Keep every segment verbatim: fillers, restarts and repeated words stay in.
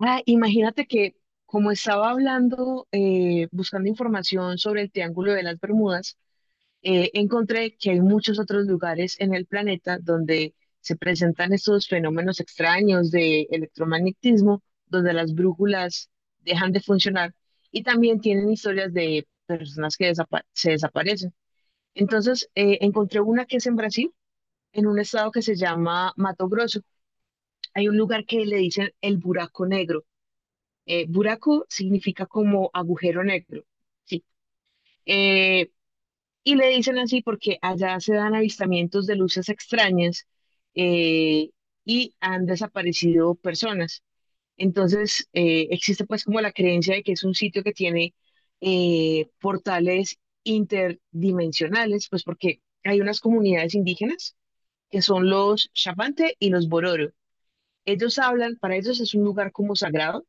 Ah, imagínate que como estaba hablando, eh, buscando información sobre el Triángulo de las Bermudas, eh, encontré que hay muchos otros lugares en el planeta donde se presentan estos fenómenos extraños de electromagnetismo, donde las brújulas dejan de funcionar y también tienen historias de personas que desapa- se desaparecen. Entonces, eh, encontré una que es en Brasil, en un estado que se llama Mato Grosso. Hay un lugar que le dicen el Buraco Negro, eh, buraco significa como agujero negro, ¿sí? Eh, y le dicen así porque allá se dan avistamientos de luces extrañas, eh, y han desaparecido personas. Entonces, eh, existe pues como la creencia de que es un sitio que tiene eh, portales interdimensionales, pues porque hay unas comunidades indígenas que son los Chapante y los Bororo. Ellos hablan, para ellos es un lugar como sagrado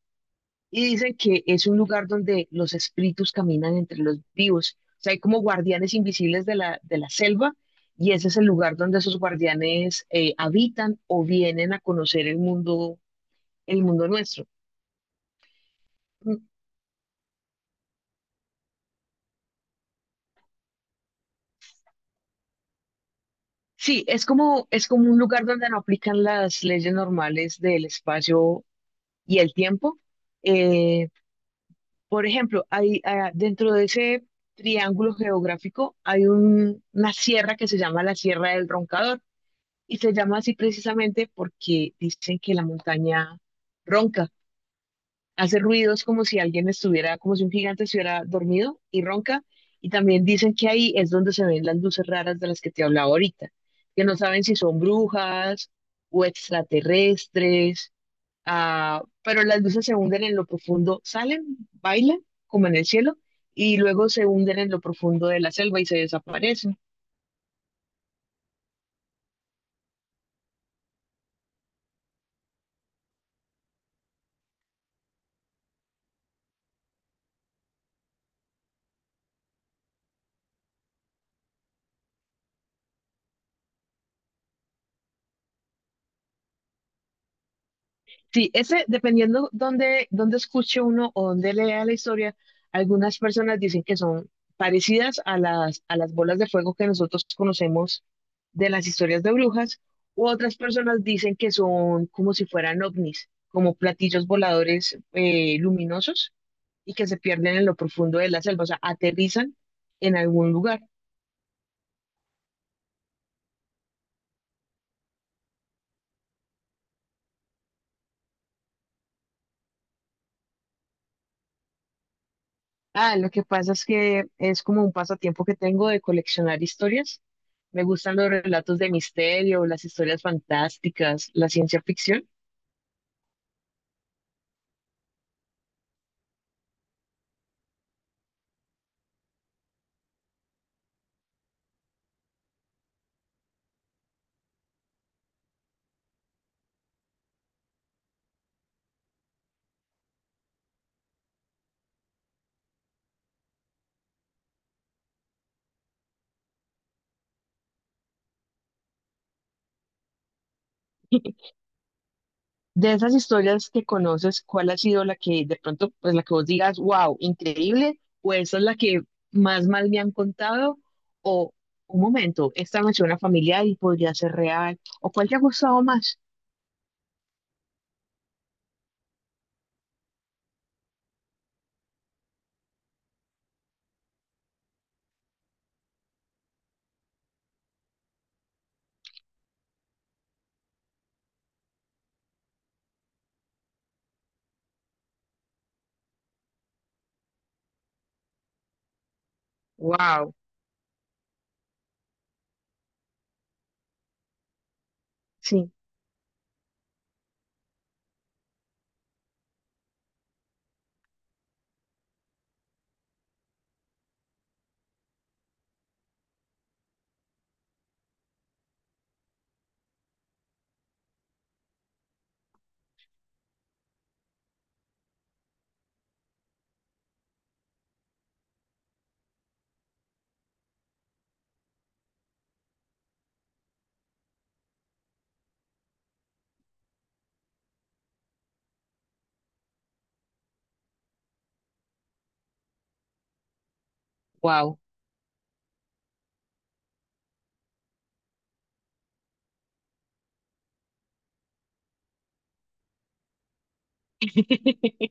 y dicen que es un lugar donde los espíritus caminan entre los vivos. O sea, hay como guardianes invisibles de la, de la selva y ese es el lugar donde esos guardianes eh, habitan o vienen a conocer el mundo, el mundo nuestro. Mm, sí, es como, es como un lugar donde no aplican las leyes normales del espacio y el tiempo. Eh, por ejemplo, hay, ah, dentro de ese triángulo geográfico hay un- una sierra que se llama la Sierra del Roncador. Y se llama así precisamente porque dicen que la montaña ronca, hace ruidos como si alguien estuviera, como si un gigante estuviera dormido y ronca. Y también dicen que ahí es donde se ven las luces raras de las que te hablaba ahorita, que no saben si son brujas o extraterrestres, ah, pero las luces se hunden en lo profundo, salen, bailan como en el cielo y luego se hunden en lo profundo de la selva y se desaparecen. Sí, ese, dependiendo dónde, dónde escuche uno o dónde lea la historia, algunas personas dicen que son parecidas a las, a las bolas de fuego que nosotros conocemos de las historias de brujas, u otras personas dicen que son como si fueran ovnis, como platillos voladores, eh, luminosos y que se pierden en lo profundo de la selva, o sea, aterrizan en algún lugar. Ah, lo que pasa es que es como un pasatiempo que tengo de coleccionar historias. Me gustan los relatos de misterio, las historias fantásticas, la ciencia ficción. De esas historias que conoces, ¿cuál ha sido la que de pronto, pues la que vos digas, wow, increíble, o esa es la que más mal me han contado, o un momento, esta me suena familiar y podría ser real, o cuál te ha gustado más? Wow, sí, wow.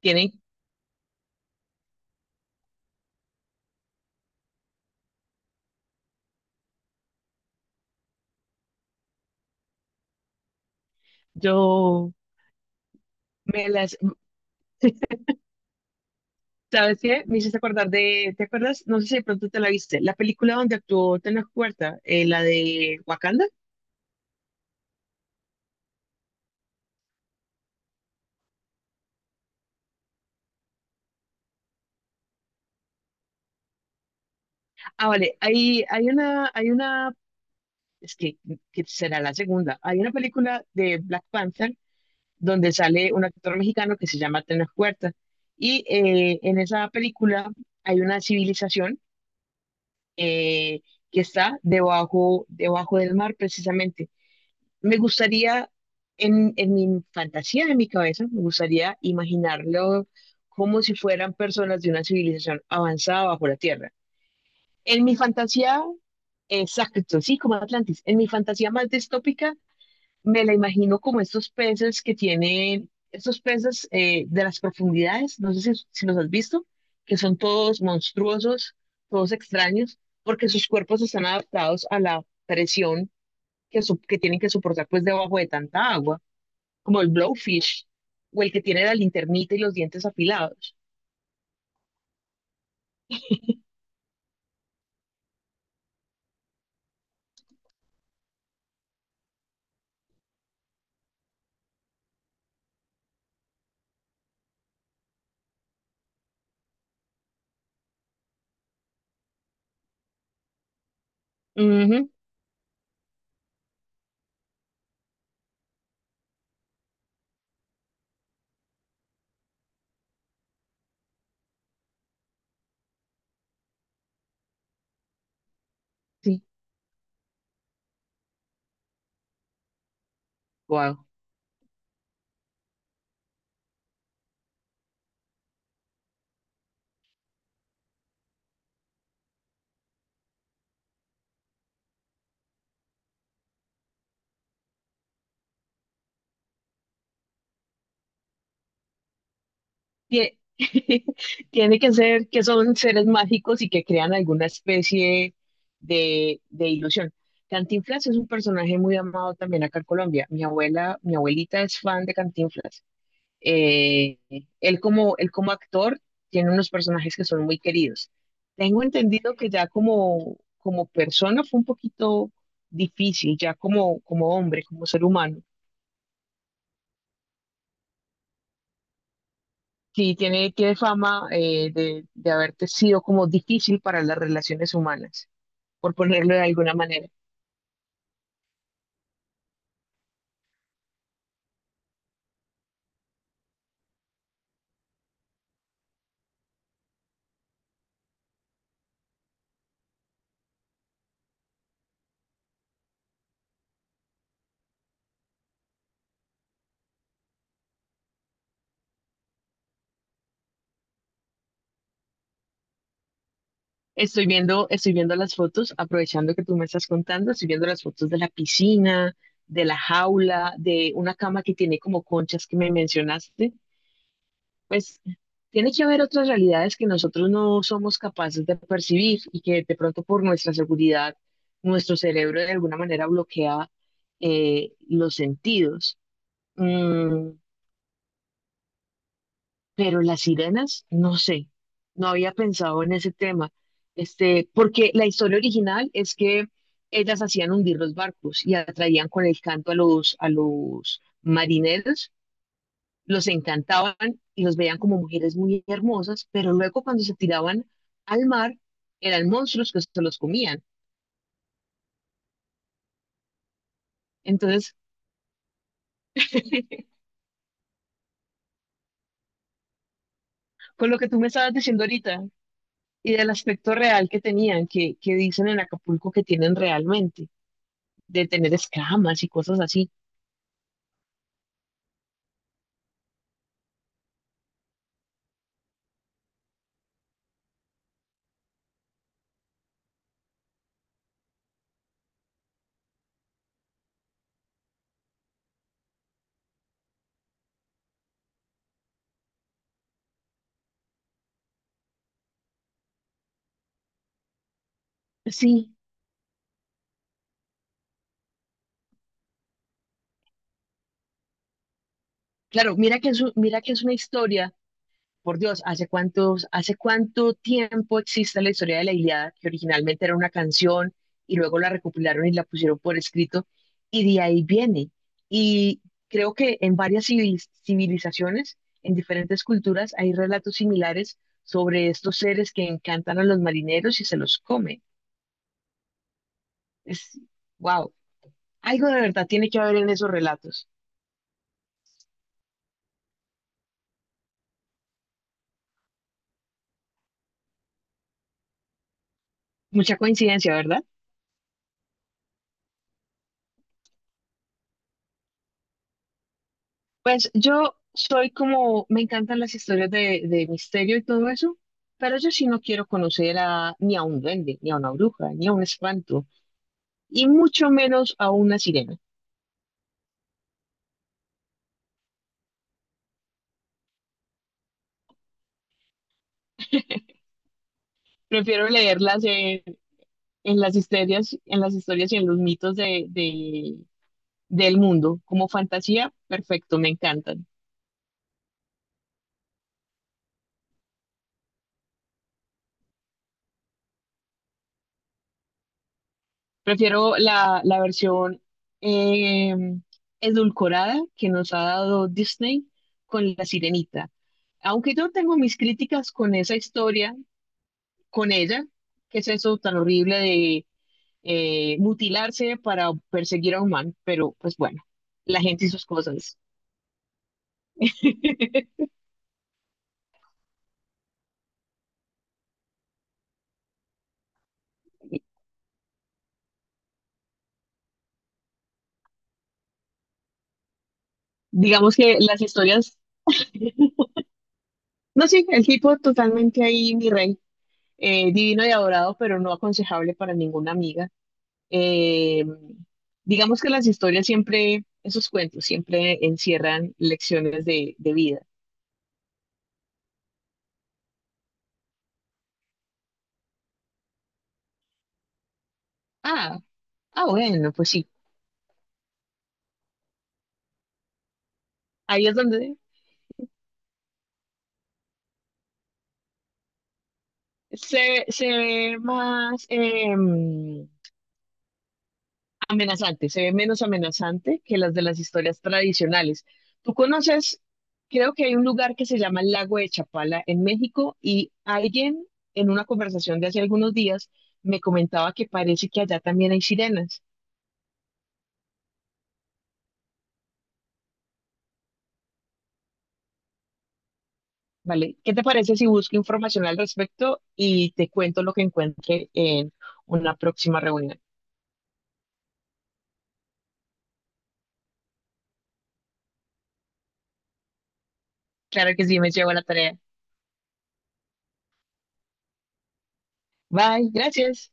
Tienen, yo me las ¿sabes qué? Me hiciste acordar de, ¿te acuerdas? No sé si de pronto te la viste, la película donde actuó Tenoch Huerta, eh, la de Wakanda. Ah, vale, hay, hay una, hay una, es que, que será la segunda, hay una película de Black Panther donde sale un actor mexicano que se llama Tenoch Huerta. Y eh, en esa película hay una civilización eh, que está debajo, debajo del mar precisamente. Me gustaría, en, en mi fantasía, en mi cabeza, me gustaría imaginarlo como si fueran personas de una civilización avanzada bajo la Tierra. En mi fantasía, exacto, sí, como Atlantis. En mi fantasía más distópica, me la imagino como estos peces que tienen, estos peces, eh, de las profundidades, no sé si, si los has visto, que son todos monstruosos, todos extraños, porque sus cuerpos están adaptados a la presión que, su- que tienen que soportar pues debajo de tanta agua, como el blowfish o el que tiene la linternita y los dientes afilados. Ujú, sí, wow. Tie- Tiene que ser que son seres mágicos y que crean alguna especie de, de ilusión. Cantinflas es un personaje muy amado también acá en Colombia. Mi abuela, mi abuelita es fan de Cantinflas. Eh, Él como, él como actor tiene unos personajes que son muy queridos. Tengo entendido que ya como, como persona fue un poquito difícil, ya como, como hombre, como ser humano. Sí, tiene, tiene fama, eh, de, de haberte sido como difícil para las relaciones humanas, por ponerlo de alguna manera. Estoy viendo, estoy viendo las fotos, aprovechando que tú me estás contando, estoy viendo las fotos de la piscina, de la jaula, de una cama que tiene como conchas que me mencionaste. Pues tiene que haber otras realidades que nosotros no somos capaces de percibir y que de pronto por nuestra seguridad, nuestro cerebro de alguna manera bloquea, eh, los sentidos. Mm, pero las sirenas, no sé, no había pensado en ese tema. Este, porque la historia original es que ellas hacían hundir los barcos y atraían con el canto a los, a los marineros, los encantaban y los veían como mujeres muy hermosas, pero luego cuando se tiraban al mar eran monstruos que se los comían. Entonces, con lo que tú me estabas diciendo ahorita y del aspecto real que tenían, que, que dicen en Acapulco que tienen realmente, de tener escamas y cosas así. Sí, claro, mira que es, un- mira que es una historia. Por Dios, ¿hace cuántos, hace cuánto tiempo existe la historia de la Ilíada, que originalmente era una canción y luego la recopilaron y la pusieron por escrito, y de ahí viene. Y creo que en varias civil- civilizaciones, en diferentes culturas, hay relatos similares sobre estos seres que encantan a los marineros y se los comen. Es, wow, algo de verdad tiene que haber en esos relatos. Mucha coincidencia, ¿verdad? Pues yo soy como, me encantan las historias de, de misterio y todo eso, pero yo sí no quiero conocer a, ni a un duende, ni a una bruja, ni a un espanto, y mucho menos a una sirena. Prefiero leerlas en, en las historias, en las historias y en los mitos de, de- del mundo. Como fantasía, perfecto, me encantan. Prefiero la, la versión, eh, edulcorada que nos ha dado Disney con La Sirenita. Aunque yo tengo mis críticas con esa historia, con ella, que es eso tan horrible de eh, mutilarse para perseguir a un man, pero pues bueno, la gente y sus cosas. Digamos que las historias, no sé, el tipo totalmente ahí, mi rey, eh, divino y adorado, pero no aconsejable para ninguna amiga. Eh, digamos que las historias siempre, esos cuentos siempre encierran lecciones de, de vida. Ah, ah, bueno, pues sí. Ahí es donde se, se ve más, eh, amenazante, se ve menos amenazante que las de las historias tradicionales. Tú conoces, creo que hay un lugar que se llama el Lago de Chapala en México y alguien en una conversación de hace algunos días me comentaba que parece que allá también hay sirenas. Vale, ¿qué te parece si busco información al respecto y te cuento lo que encuentre en una próxima reunión? Claro que sí, me llevo la tarea. Bye, gracias.